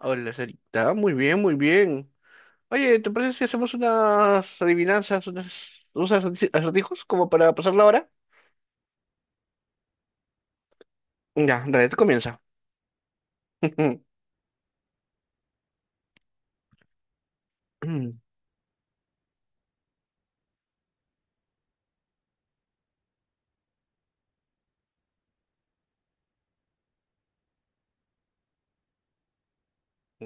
Hola, Sarita. Muy bien, muy bien. Oye, ¿te parece si hacemos unas adivinanzas, acertijos como para pasar la hora? Ya, dale, tú comienza.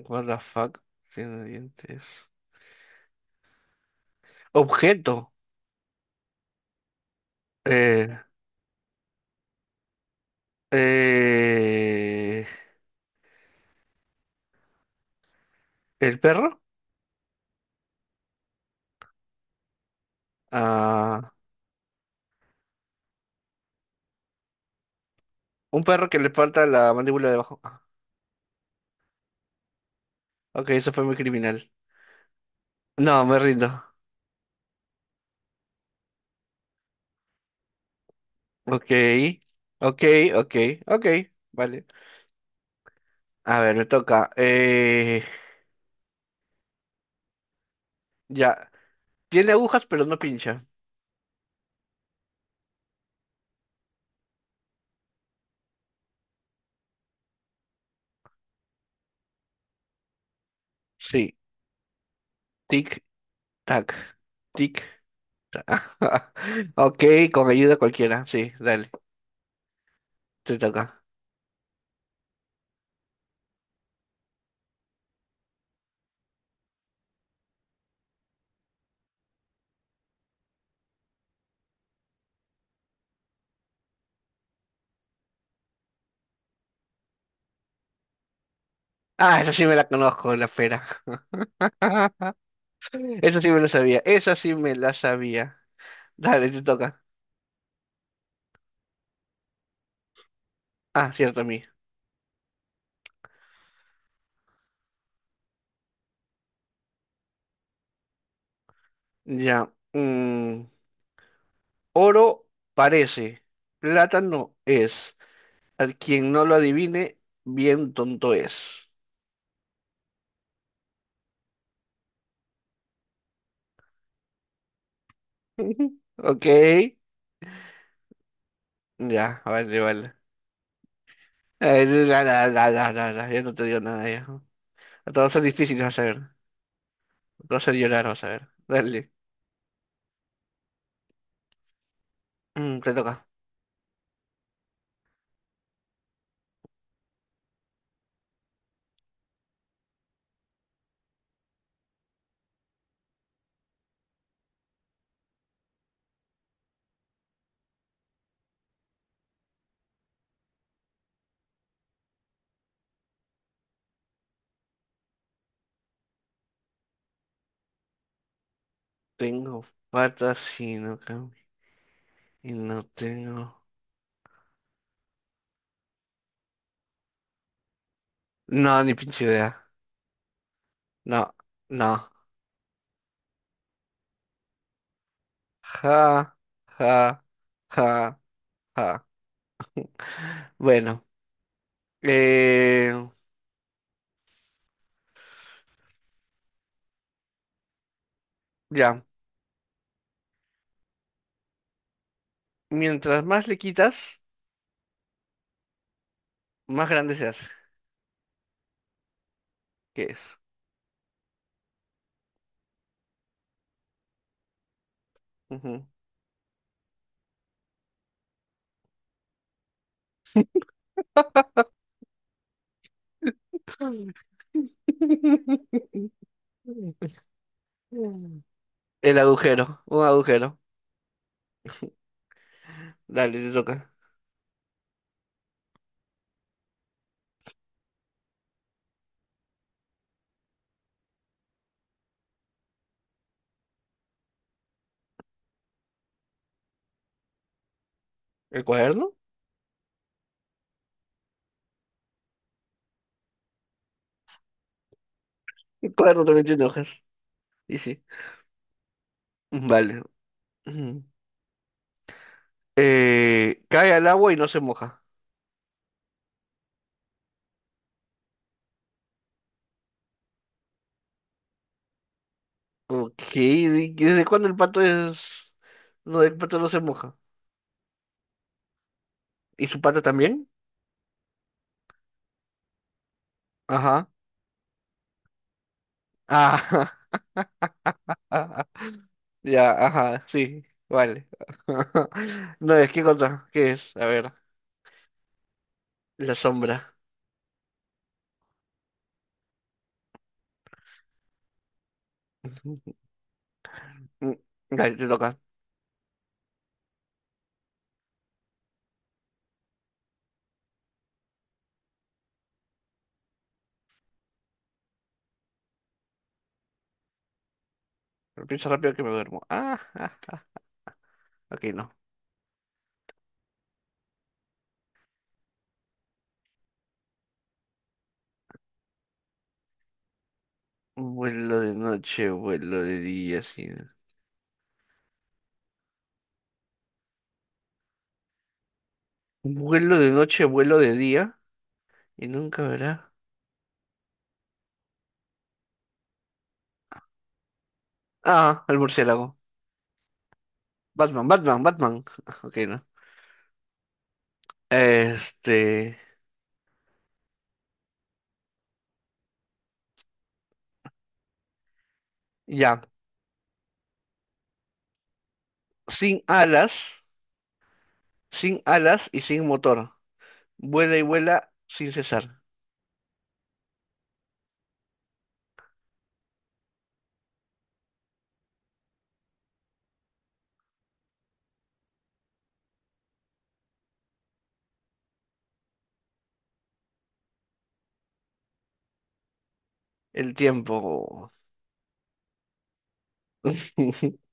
What the fuck? Tiene dientes. Objeto. Eh, eh, ¿El perro? Ah, un perro que le falta la mandíbula de abajo. Ah, ok, eso fue muy criminal. No, me rindo. Ok, ok, ok, ok. Vale. A ver, me toca. Ya. Tiene agujas, pero no pincha. Sí. Tic, tac. Tic, tac. Ok, con ayuda cualquiera. Sí, dale. Te toca. Ah, esa sí me la conozco, la pera. Esa sí me la sabía. Esa sí me la sabía. Dale, te toca. Ah, cierto, a mí. Ya. Oro parece. Plátano es. Al quien no lo adivine, bien tonto es. Ok. Ya, vale, vale. Ya no te digo nada ya. Todos va a ser difícil, vas a ver. Te va a hacer llorar, vas a ver. Dale. Te toca. Tengo patas y no camino. Y no tengo. No, ni pinche idea. No, no. Ja, ja, ja, ja. Bueno, eh, ya. Mientras más le quitas, más grande se hace. ¿Qué es? Ujú. El agujero, un agujero. Dale, te toca. ¿El cuaderno? El cuaderno también tiene hojas. Y sí. Vale. Ujú. Cae al agua y no se moja. Ok. ¿Y ¿desde cuándo el pato es...? No, el pato no se moja. ¿Y su pata también? Ajá. Ah, ya, ajá, sí. Vale. No, es que contra. ¿Qué es? A ver. La sombra. Ujú. Mm, Dale, te toca. Pero piensa rápido que me duermo. Ah, ah. Ok, no. Vuelo de noche, vuelo de día, sí. Vuelo de noche, vuelo de día. Y nunca verá. Ah, el murciélago. Batman, Batman, Batman. Ok, no. Este. Ya. Sin alas. Sin alas y sin motor. Vuela y vuela sin cesar. El tiempo.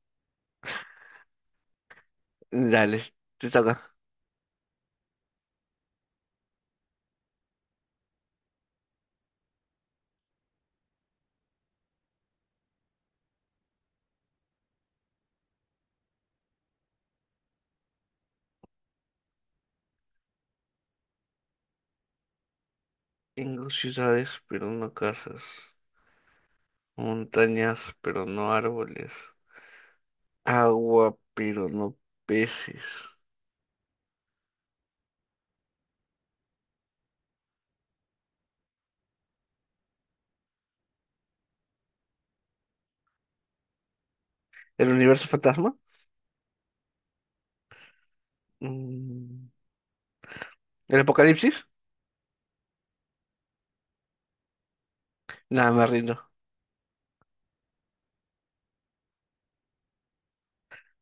Dale, te toca. Tengo ciudades, pero no casas. Montañas, pero no árboles. Agua, pero no peces. ¿El universo fantasma? Mm, ¿El apocalipsis? Nada, me rindo.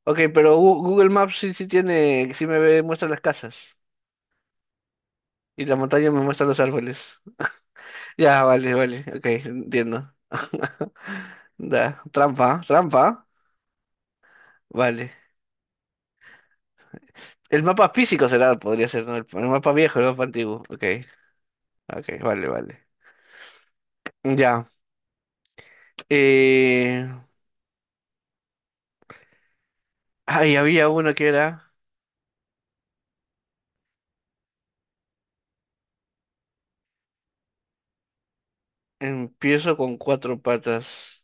Ok, pero Google Maps sí, sí tiene, muestra las casas. Y la montaña me muestra los árboles. Ya, vale, vale. Ok, entiendo. Da, trampa, trampa. Vale. El mapa físico será, podría ser, ¿no? El mapa viejo, el mapa antiguo. Ok, ok, vale, vale. Ya. Eh... Ay, había uno que era. Empiezo con cuatro patas.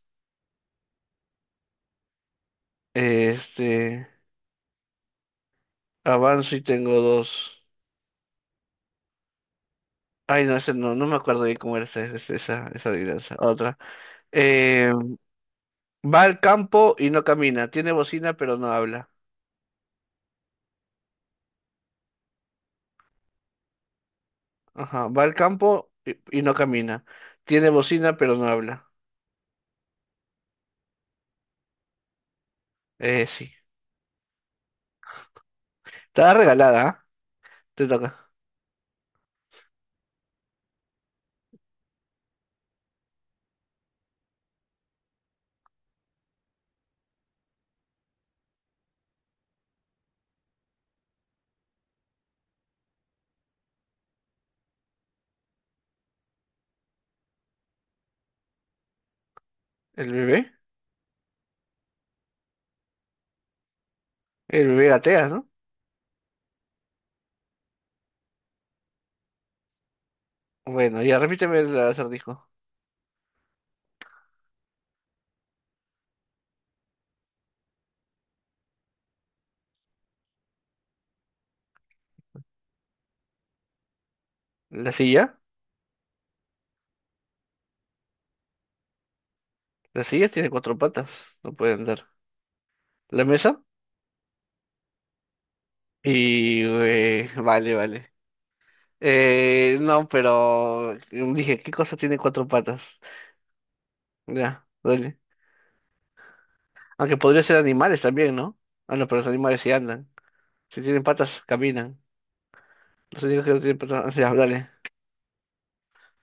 Este. Avanzo y tengo dos. Ay, no, ese no, no me acuerdo bien cómo era esa adivinanza. Otra. Eh, Va al campo y no camina. Tiene bocina, pero no habla. Ajá. Va al campo y no camina. Tiene bocina, pero no habla. Sí. Está regalada, ¿ah? Te toca. ¿El bebé? El bebé gatea, ¿no? Bueno, ya repíteme el acertijo. La silla. La silla tiene cuatro patas. No puede andar. La mesa. Y... vale, vale. No, pero... Dije, ¿qué cosa tiene cuatro patas? Ya, dale. Aunque podría ser animales también, ¿no? Ah, no, pero los animales sí andan. Si tienen patas, caminan. Los únicos que no tienen patas, ya, dale.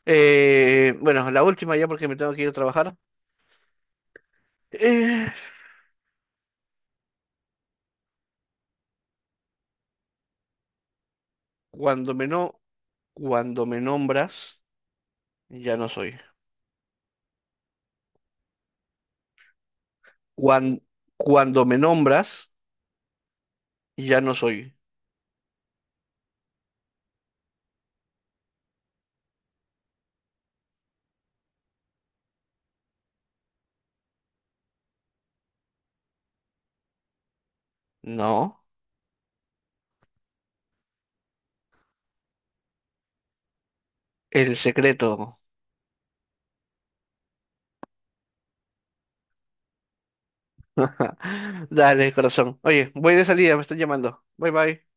Bueno, la última ya porque me tengo que ir a trabajar. Eh, cuando me no, Cuando me nombras, ya no soy. Cuan- cuando me nombras, ya no soy. No, el secreto. Dale, corazón. Oye, voy de salida, me están llamando. Bye bye.